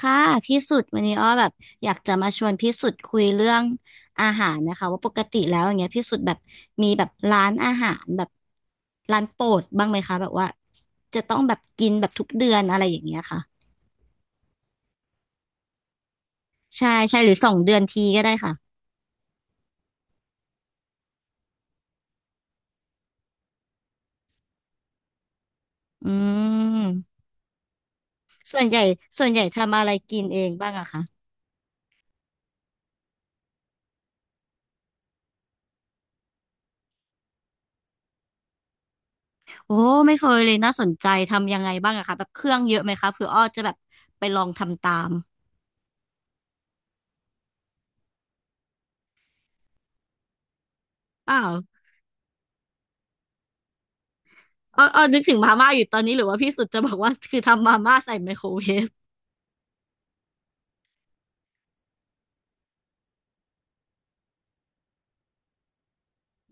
ค่ะพี่สุดวันนี้อ้อแบบอยากจะมาชวนพี่สุดคุยเรื่องอาหารนะคะว่าปกติแล้วอย่างเงี้ยพี่สุดแบบมีแบบร้านอาหารแบบร้านโปรดบ้างไหมคะแบบว่าจะต้องแบบกินแบบทุกเดือนอะไรอย่างเงี้ยค่ะใช่ใช่หรือ2 เดือนทีก็ได้ค่ะอืมส่วนใหญ่ส่วนใหญ่ทำอะไรกินเองบ้างอะคะโอ้ไม่เคยเลยน่าสนใจทำยังไงบ้างอะคะแบบเครื่องเยอะไหมคะเผื่ออ้อจะแบบไปลองทำตามเปล่า เออเออนึกถึงมาม่าอยู่ตอนนี้หรือว่าพี่สุดจะบอกว่าคือทำมาม่าใส่ไมโครเวฟ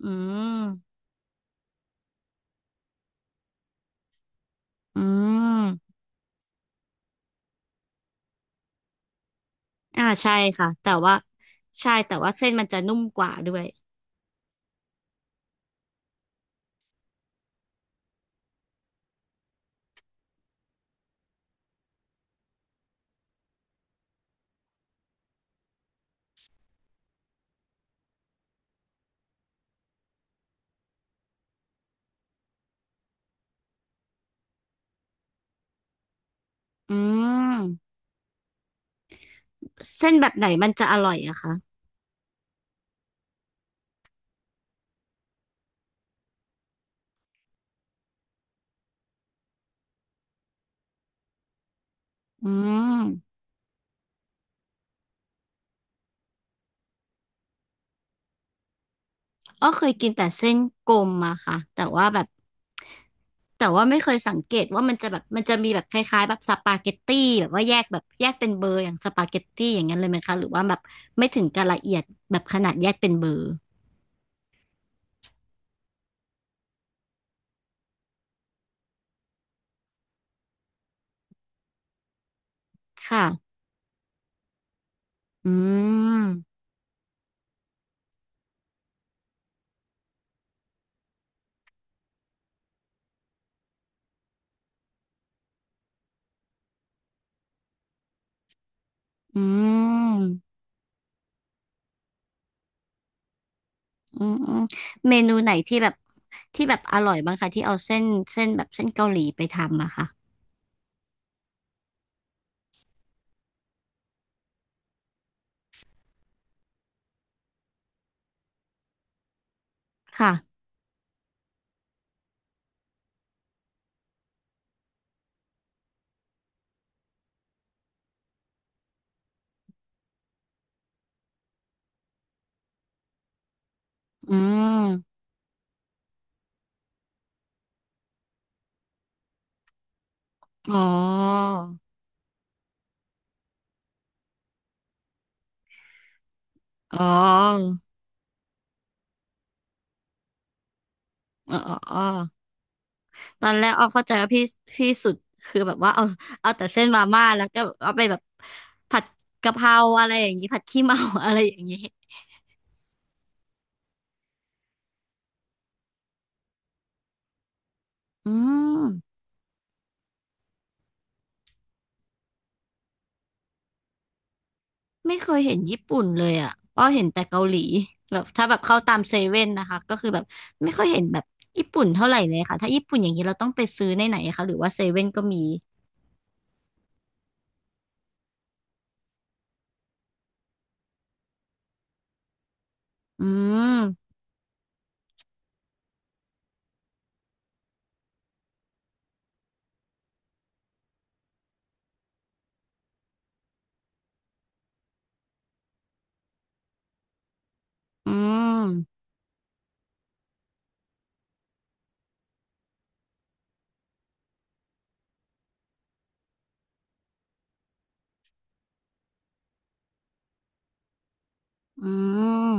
อืมอืมอ่าใช่ค่ะ แต่ว่าใช่แต่ว่าเส้นมันจะนุ่มกว่าด้วย อืมเส้นแบบไหนมันจะอร่อยอะคะอืมอ๋อเคยกินแต่เส้นกลมอะค่ะแต่ว่าแบบแต่ว่าไม่เคยสังเกตว่ามันจะแบบมันจะมีแบบคล้ายๆแบบสปาเกตตี้แบบว่าแยกแบบแยกเป็นเบอร์อย่างสปาเกตตี้อย่างนั้นเลยไหมคะหรือว่าแบบไม่ถึงกับละเอียดแบบขนาดแยกเป็นเบอร์ค่ะ อืมอืมอืมอืมเมนูไหนที่แบบที่แบบอร่อยบ้างคะที่เอาเส้นเส้นแบบเส้นเกาหลีไปทำอะค่ะค่ะอืมอ๋ออ๋ออ๋ออ๋อตอนแรกอ้อเข้าใจว่าพี่พี่สุดคือแบบว่าเอาเอาแต่เส้นมาม่าแล้วก็เอาไปแบบผัดกะเพราอะไรอย่างนี้ผัดขี้เมา อะไรอย่างนี้อืม ไม่เคยเห็นญี่ปุ่นเลยอ่ะอ้อเห็นแต่เกาหลีแบบถ้าแบบเข้าตามเซเว่นนะคะก็คือแบบไม่ค่อยเห็นแบบญี่ปุ่นเท่าไหร่เลยค่ะถ้าญี่ปุ่นอย่างนี้เราต้องไปซื้อในไหนคะหรือว่าเซเว่นก็มีอืมอืมอืม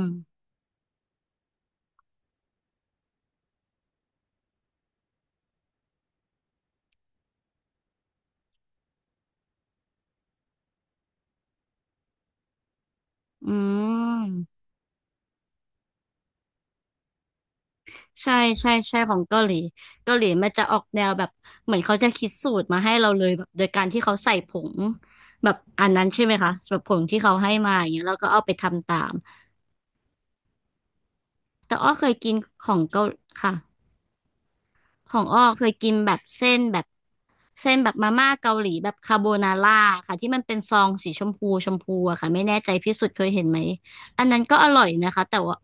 อืมใช่ใช่ใช่ของเกาหลีเกาหลีมันจะออกแนวแบบเหมือนเขาจะคิดสูตรมาให้เราเลยแบบโดยการที่เขาใส่ผงแบบอันนั้นใช่ไหมคะแบบผงที่เขาให้มาอย่างเงี้ยแล้วก็เอาไปทำตามแต่อ้อเคยกินของเกาค่ะ ของอ้อเคยกินแบบเส้นแบบเส้นแบบมาม่าเกาหลีแบบคาโบนาร่าค่ะที่มันเป็นซองสีชมพูชมพูอะค่ะไม่แน่ใจพี่สุดเคยเห็นไหมอันนั้นก็อร่อยนะคะแต่ว่า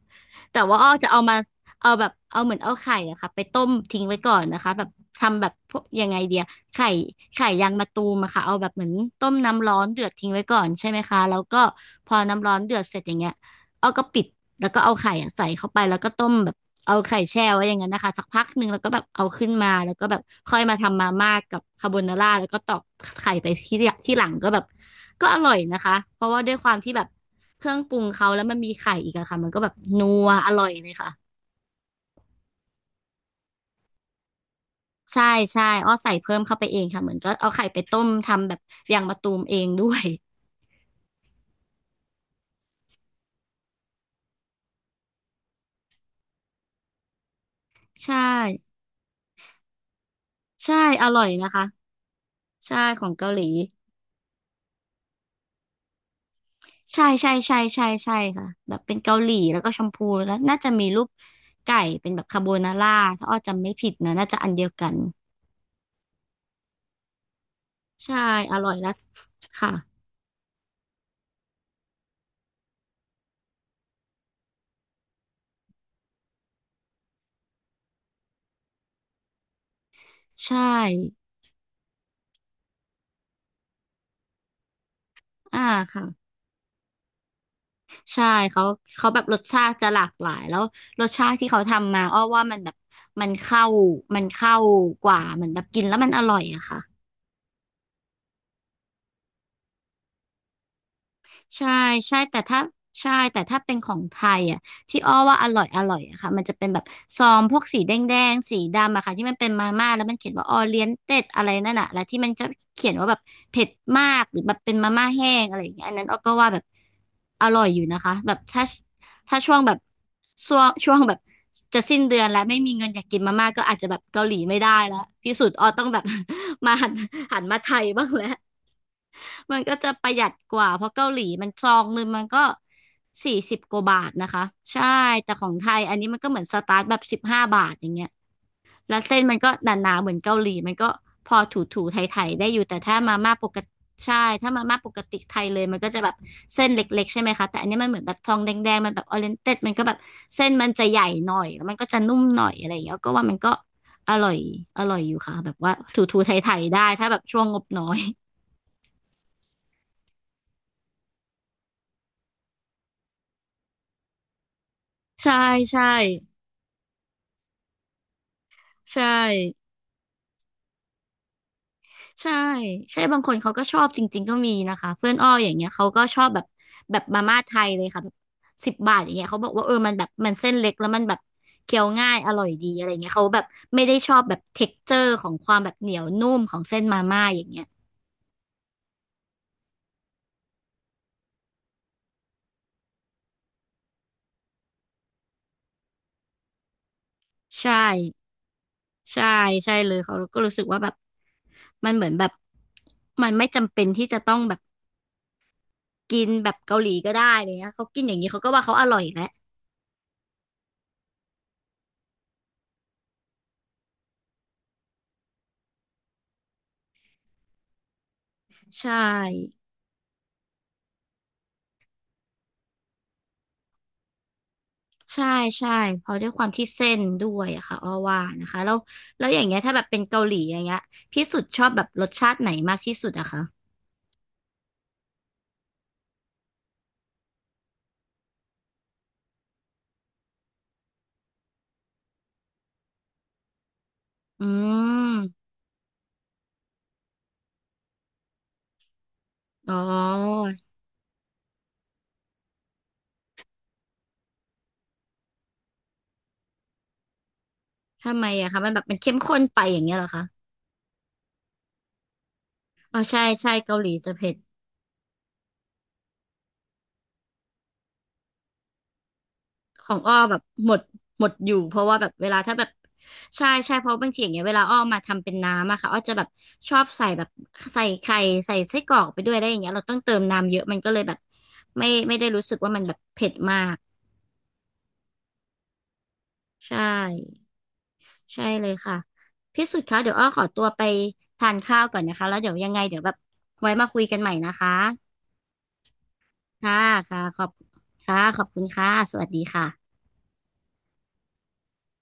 แต่ว่าอ้อจะเอามาเอาแบบเอาเหมือนเอาไข่อะค่ะไปต้มทิ้งไว้ก่อนนะคะแบบทำแบบพวกยังไงเดียไข่ไข่ยางมะตูมอะค่ะเอาแบบเหมือนต้มน้ำร้อนเดือดทิ้งไว้ก่อนใช่ไหมคะแล้วก็พอน้ำร้อนเดือดเสร็จอย่างเงี้ยอ้อก็ปิดแล้วก็เอาไข่อะใส่เข้าไปแล้วก็ต้มแบบ เอาไข่แช่ไว้อย่างนั้นนะคะสักพักหนึ่งแล้วก็แบบเอาขึ้นมาแล้วก็แบบค่อยมาทำมาม่ากับคาโบนาร่าแล้วก็ตอกไข่ไปที่ที่หลังก็แบบก็อร่อยนะคะเพราะว่าด้วยความที่แบบเครื่องปรุงเขาแล้วมันมีไข่อีกอะค่ะมันก็แบบนัวอร่อยเลยค่ะใช่ใช่อ้อใส่เพิ่มเข้าไปเองค่ะเหมือนก็เอาไข่ไปต้มทำแบบยางมะตูมเองด้วยใช่ใช่อร่อยนะคะใช่ของเกาหลี ใช่ใช่ใช่ใช่ใช่ค่ะแบบเป็นเกาหลีแล้วก็ชมพูแล้วน่าจะมีรูปไก่เป็นแบบคาโบนาร่าถ้าอ้อจำไม่ผิดนะน่าจะอันเดียวกันใช่อร่อยแล้วค่ะใช่อ่าค่ะใช่เขาเขาแบบรสชาติจะหลากหลายแล้วรสชาติที่เขาทำมาอ้อว่ามันแบบมันเข้ามันเข้ากว่าเหมือนแบบกินแล้วมันอร่อยอะค่ะ ใช่ใช่แต่ถ้าใช่แต่ถ้าเป็นของไทยอ่ะที่อ้อว่าอร่อยอร่อยอะค่ะมันจะเป็นแบบซองพวกสีแดงแดงสีดำอะค่ะที่มันเป็นมาม่าแล้วมันเขียนว่าออเรียนเต็ดอะไรนั่นอะแล้วที่มันจะเขียนว่าแบบเผ็ดมากหรือแบบเป็นมาม่าแห้งอะไรอย่างเงี้ยอันนั้นอ้อก็ว่าแบบอร่อยอยู่นะคะแบบถ้าถ้าช่วงแบบช่วงช่วงแบบจะสิ้นเดือนแล้วไม่มีเงินอยากกินมาม่าก็อาจจะแบบเกาหลีไม่ได้แล้วพิสูจน์อ้อต้องแบบ มาหันหันมาไทยบ้างแล้ว มันก็จะประหยัดกว่าเพราะเกาหลีมันซองหนึงมันก็40 กว่าบาทนะคะใช่ แต่ของไทยอันนี้มันก็เหมือนสตาร์ทแบบ15 บาทอย่างเงี้ยแล้วเส้นมันก็หนาๆเหมือนเกาหลีมันก็พอถูๆไทยๆได้อยู่แต่ถ้ามาม่าปกติใช่ถ้ามาม่าปกติไทยเลยมันก็จะแบบเส้นเล็กๆใช่ไหมคะแต่อันนี้มันเหมือนแบบทองแดงๆมันแบบออเรนเต็ดมันก็แบบเส้นมันจะใหญ่หน่อยแล้วมันก็จะนุ่มหน่อยอะไรอย่างเงี้ยก็ว่ามันก็อร่อยอร่อยอยู่ค่ะแบบว่าถูๆไทยๆได้ถ้าแบบช่วงงบน้อย ใช่ใช่ ใช่ใช่ใช่บางคนเขาก็ชอบจริงๆก็มีนะคะเพื่อนอ้ออย่างเงี้ยเขาก็ชอบแบบแบบมาม่าไทยเลยค่ะแบบ10 บาทอย่างเงี้ยเขาบอกว่าเออมันแบบมันเส้นเล็กแล้วมันแบบเคี้ยวง่ายอร่อยดีอะไรเงี้ยเขาแบบไม่ได้ชอบแบบเท็กเจอร์ของความแบบเหนียวนุ่มของเส้นมาม่าอย่างเงี้ยใช่ใช่ใช่เลยเขาก็รู้สึกว่าแบบมันเหมือนแบบมันไม่จำเป็นที่จะต้องแบบกินแบบเกาหลีก็ได้อะไรเลยนะเขากินอย่างนี้เขาก็ว่าเขาอร่อยแล้วใช่ ใช่ใช่เพราะด้วยความที่เส้นด้วยอะค่ะอ้อว่านะคะแล้วแล้วอย่างเงี้ยถ้าแบบเป็นเกาหลีอย่างเงี้ยพี่สุดชอบแบบรสชาติไหนมากที่สุดอะคะอืมอ๋อทำไมอะคะมันแบบมันเข้มข้นไปอย่างเงี้ยเหรอคะอ๋อใช่ใช่เกาหลีจะเผ็ดของอ้อแบบหมดอยู่เพราะว่าแบบเวลาถ้าแบบใช่ใช่เพราะบางทีอย่างเงี้ยเวลาอ้อมาทำเป็นน้ำอะค่ะอ้อจะแบบชอบใส่แบบใส่ไข่ใส่ไส้กรอกไปด้วยได้อย่างเงี้ยเราต้องเติมน้ำเยอะมันก็เลยแบบไม่ได้รู้สึกว่ามันแบบเผ็ดมาก ใช่ใช่เลยค่ะพี่สุดคะเดี๋ยวอ้อขอตัวไปทานข้าวก่อนนะคะแล้วเดี๋ยวยังไงเดี๋ยวแบบไว้มาคุยกันใหม่นะคะค่ะค่ะขอบค่ะขอบคุณค่ะสวัสดีค่ะ